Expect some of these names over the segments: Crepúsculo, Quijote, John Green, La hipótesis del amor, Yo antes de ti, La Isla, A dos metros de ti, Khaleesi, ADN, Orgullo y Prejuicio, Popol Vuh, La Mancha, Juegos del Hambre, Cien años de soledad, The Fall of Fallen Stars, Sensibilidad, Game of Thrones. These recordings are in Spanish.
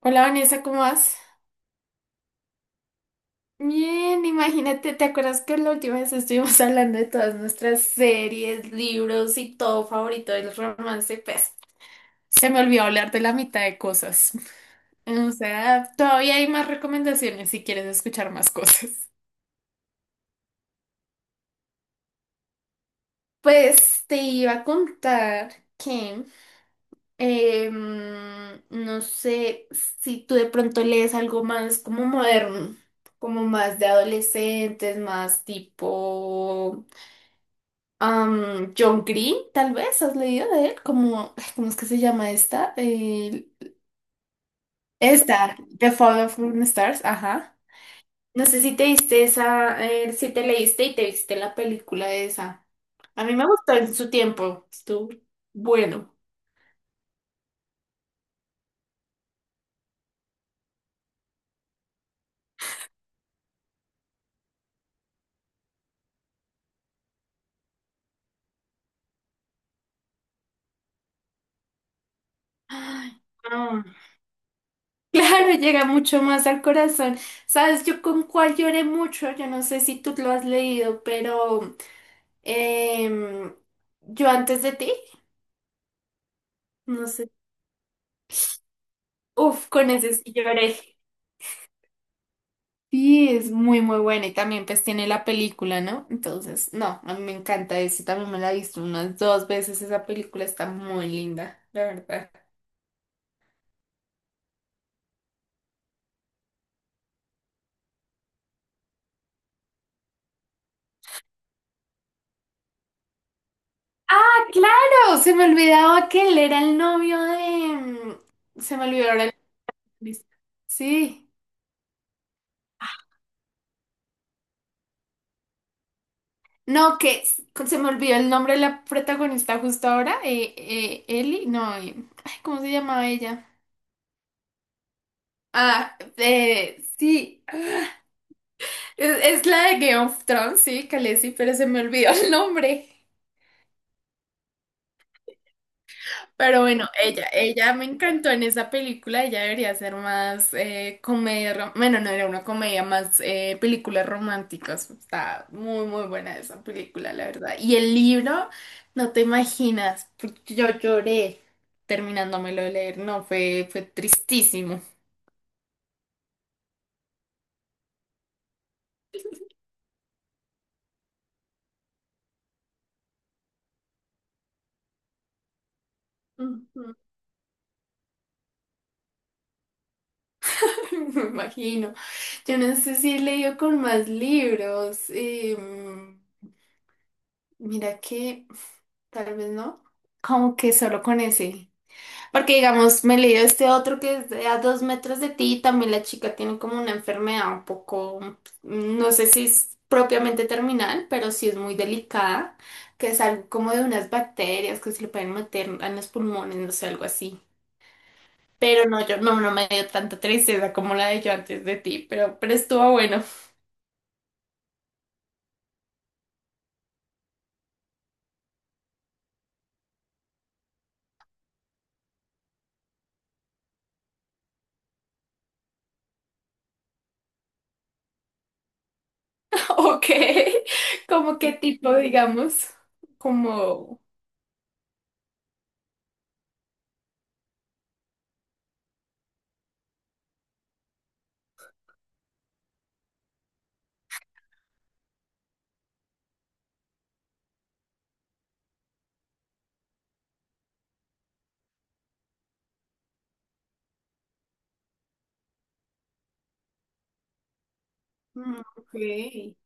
Hola Vanessa, ¿cómo vas? Bien, imagínate, ¿te acuerdas que la última vez estuvimos hablando de todas nuestras series, libros y todo favorito del romance? Pues se me olvidó hablar de la mitad de cosas. O sea, todavía hay más recomendaciones si quieres escuchar más cosas. Pues te iba a contar que no sé si tú de pronto lees algo más como moderno, como más de adolescentes, más tipo John Green, tal vez, ¿has leído de él? Como, ay, ¿cómo es que se llama esta? Esta, The Fall of Fallen Stars, ajá. No sé si te diste esa, si te leíste y te viste la película esa. A mí me gustó en su tiempo, estuvo bueno. Ay, no. Claro, llega mucho más al corazón. ¿Sabes yo con cuál lloré mucho? Yo no sé si tú lo has leído, pero em, yo antes de ti, no sé. Uf, con ese sí lloré. Sí, es muy, muy buena y también pues tiene la película, ¿no? Entonces, no, a mí me encanta eso, también me la he visto unas dos veces, esa película está muy linda, la verdad. Ah, claro, se me olvidaba que él era el novio de... Se me olvidó ahora el... Sí, no, que se me olvidó el nombre de la protagonista justo ahora, Ellie, no, ay, ¿cómo se llamaba ella? Ah, sí, es la de Game of Thrones, sí, Khaleesi, pero se me olvidó el nombre. Pero bueno, ella me encantó en esa película, ella debería ser más comedia, bueno, no era una comedia, más películas románticas. Está muy, muy buena esa película, la verdad. Y el libro, no te imaginas, porque yo lloré terminándomelo de leer, no, fue tristísimo. Ujú. Me imagino. Yo no sé si he leído con más libros. Mira que tal vez no. Como que solo con ese. Porque, digamos, me leí este otro que es de a dos metros de ti y también la chica tiene como una enfermedad un poco, no sé si es propiamente terminal, pero sí es muy delicada, que es algo como de unas bacterias que se le pueden meter en los pulmones, no sé, algo así. Pero no, yo no, no me dio tanta tristeza como la de yo antes de ti, pero estuvo bueno. Ok, como qué tipo, digamos, como... Ok.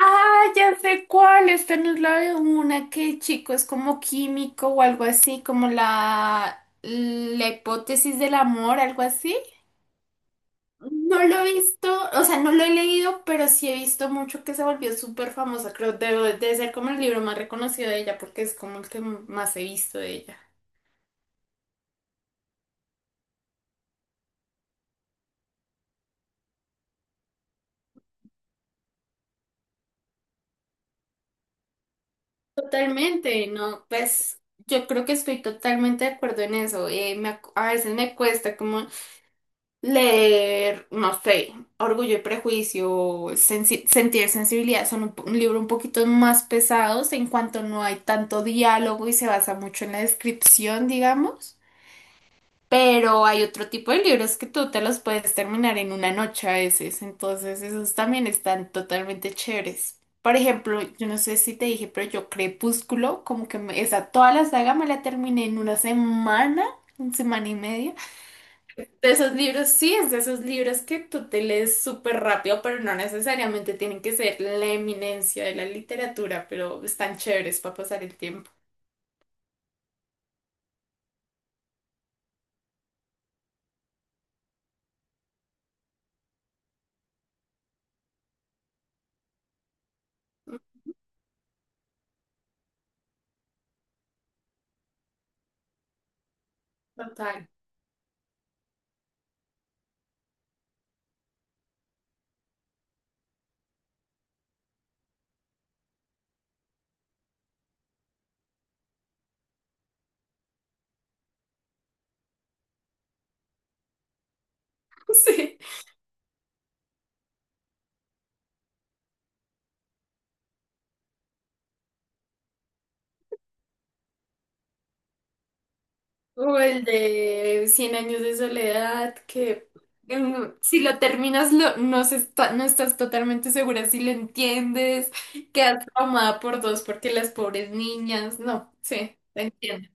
Ah, ya sé cuál. Esta no es la de una que el chico es como químico o algo así, como la hipótesis del amor, algo así. No lo he visto, o sea, no lo he leído, pero sí he visto mucho que se volvió súper famosa. Creo que debe ser como el libro más reconocido de ella, porque es como el que más he visto de ella. Totalmente, ¿no? Pues yo creo que estoy totalmente de acuerdo en eso. A veces me cuesta como leer, no sé, Orgullo y Prejuicio, Sentir Sensibilidad son un, un libro un poquito más pesados en cuanto no hay tanto diálogo y se basa mucho en la descripción, digamos. Pero hay otro tipo de libros que tú te los puedes terminar en una noche a veces, entonces esos también están totalmente chéveres. Por ejemplo, yo no sé si te dije, pero yo Crepúsculo, como que esa toda la saga me la terminé en una semana y media. De esos libros, sí, es de esos libros que tú te lees súper rápido, pero no necesariamente tienen que ser la eminencia de la literatura, pero están chéveres para pasar el tiempo. Total. Sí. O el de Cien años de soledad, que si lo terminas no, no estás totalmente segura si lo entiendes, quedas traumada por dos porque las pobres niñas, no, sí, te entiendo.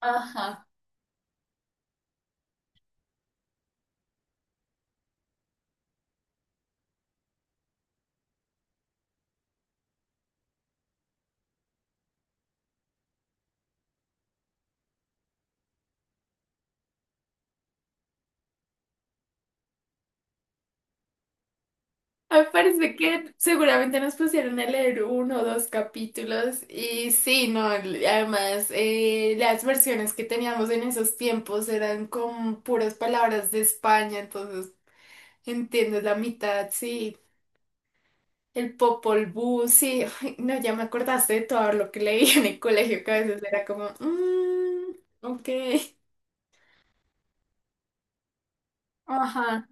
Ajá. Me parece que seguramente nos pusieron a leer uno o dos capítulos y sí, no, además las versiones que teníamos en esos tiempos eran con puras palabras de España, entonces entiendes la mitad, sí, el Popol Vuh, sí, ay, no, ya me acordaste de todo lo que leí en el colegio, que a veces era como, ok, ajá,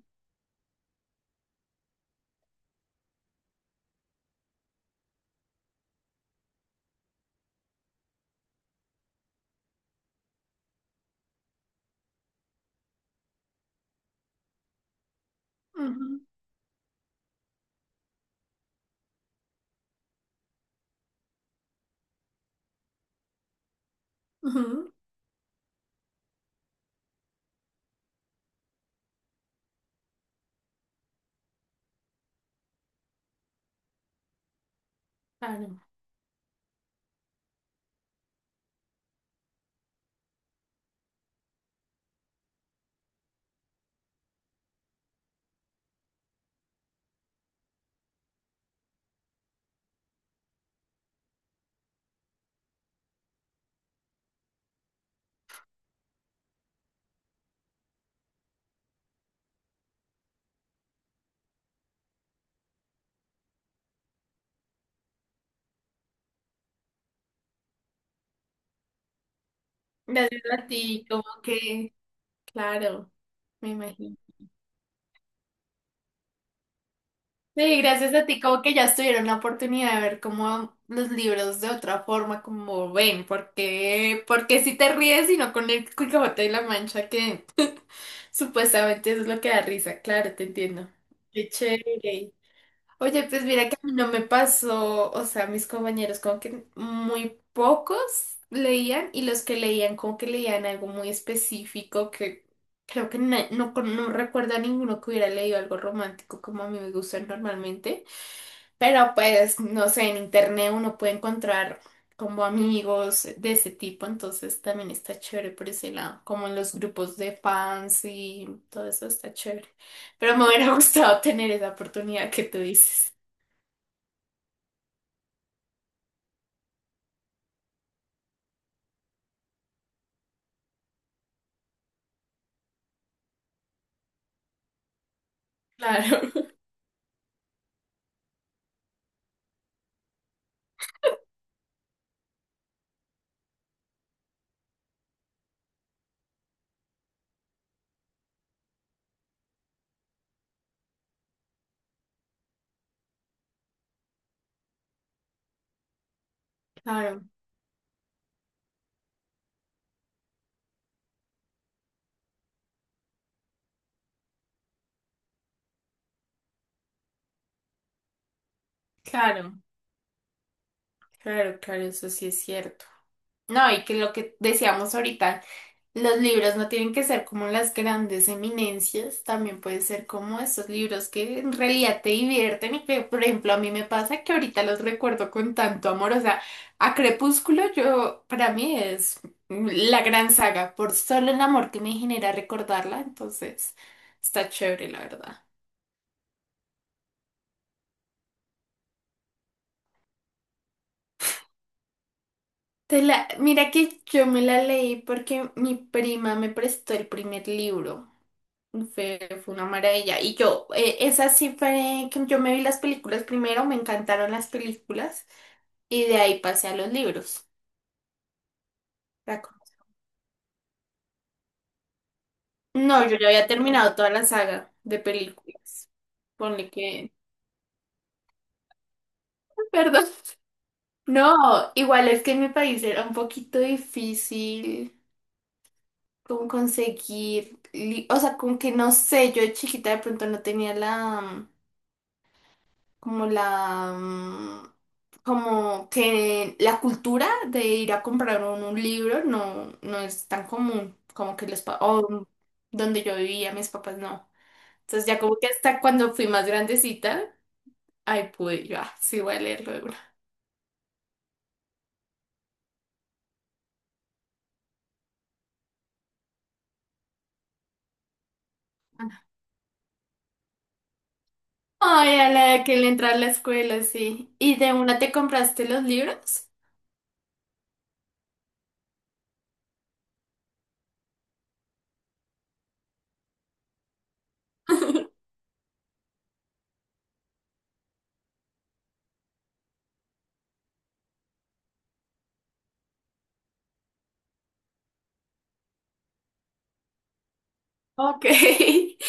ujú, ujú, claro, gracias a ti, como que, claro, me imagino. Sí, gracias a ti, como que ya estuvieron la oportunidad de ver como los libros de otra forma, como ven, porque si te ríes y no con el Quijote y la Mancha, que supuestamente eso es lo que da risa, claro, te entiendo. Qué chévere. Oye, pues mira que a mí no me pasó, o sea, mis compañeros como que muy pocos leían y los que leían como que leían algo muy específico que creo que no, no recuerdo a ninguno que hubiera leído algo romántico como a mí me gusta normalmente. Pero pues, no sé, en internet uno puede encontrar como amigos de ese tipo, entonces también está chévere por ese lado, como en los grupos de fans y todo eso está chévere. Pero me hubiera gustado tener esa oportunidad que tú dices. Claro, claro, claro, claro, eso sí es cierto. No, y que lo que decíamos ahorita. Los libros no tienen que ser como las grandes eminencias, también puede ser como esos libros que en realidad te divierten y que, por ejemplo, a mí me pasa que ahorita los recuerdo con tanto amor, o sea, a Crepúsculo yo, para mí es la gran saga, por solo el amor que me genera recordarla, entonces está chévere, la verdad. Te la, mira que yo me la leí porque mi prima me prestó el primer libro. Fue una maravilla. Y yo, esa sí fue que yo me vi las películas primero, me encantaron las películas y de ahí pasé a los libros. La co- No, yo ya había terminado toda la saga de películas. Ponle que, perdón. No, igual es que en mi país era un poquito difícil como conseguir, o sea, como que no sé, yo de chiquita de pronto no tenía la como como que la cultura de ir a comprar un libro no, no es tan común, como que los, donde yo vivía, mis papás no. Entonces ya como que hasta cuando fui más grandecita, ahí pude yo, ah, sí voy a leerlo de una. Ay, a la que le entra a la escuela, sí. ¿Y de una te compraste los libros? Ok.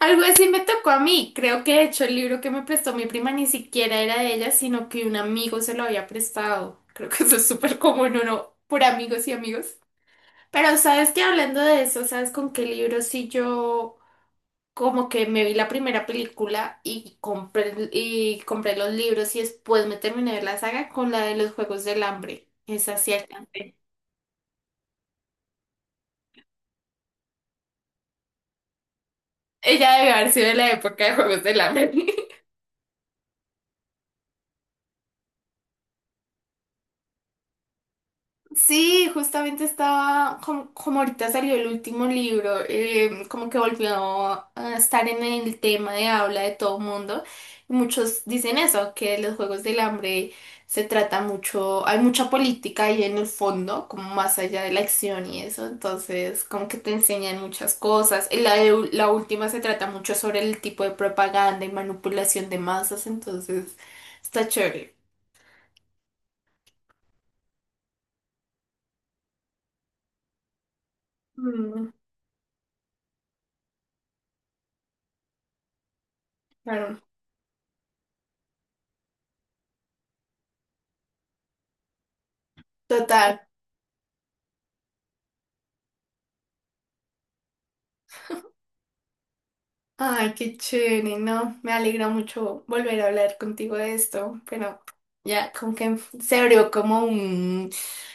Algo así me tocó a mí. Creo que de hecho el libro que me prestó mi prima ni siquiera era de ella, sino que un amigo se lo había prestado. Creo que eso es súper común, uno por amigos y amigos. Pero sabes que hablando de eso, ¿sabes con qué libro sí yo como que me vi la primera película y y compré los libros y después me terminé de ver la saga con la de los Juegos del Hambre? Esa sí alcancé. Ella debe haber sido de la época de Juegos del Hambre. Sí, justamente estaba, como, como ahorita salió el último libro, como que volvió a estar en el tema de habla de todo mundo. Y muchos dicen eso, que los Juegos del Hambre se trata mucho, hay mucha política ahí en el fondo, como más allá de la acción y eso. Entonces, como que te enseñan muchas cosas. Y la última se trata mucho sobre el tipo de propaganda y manipulación de masas, entonces está chévere. Mm, claro, total. Ay, qué chévere, ¿no? Me alegra mucho volver a hablar contigo de esto, pero ya como que se abrió como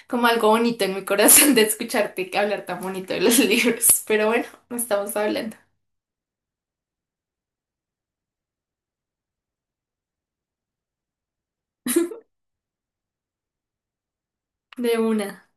como algo bonito en mi corazón de escucharte hablar tan bonito de los libros. Pero bueno, no estamos hablando de una.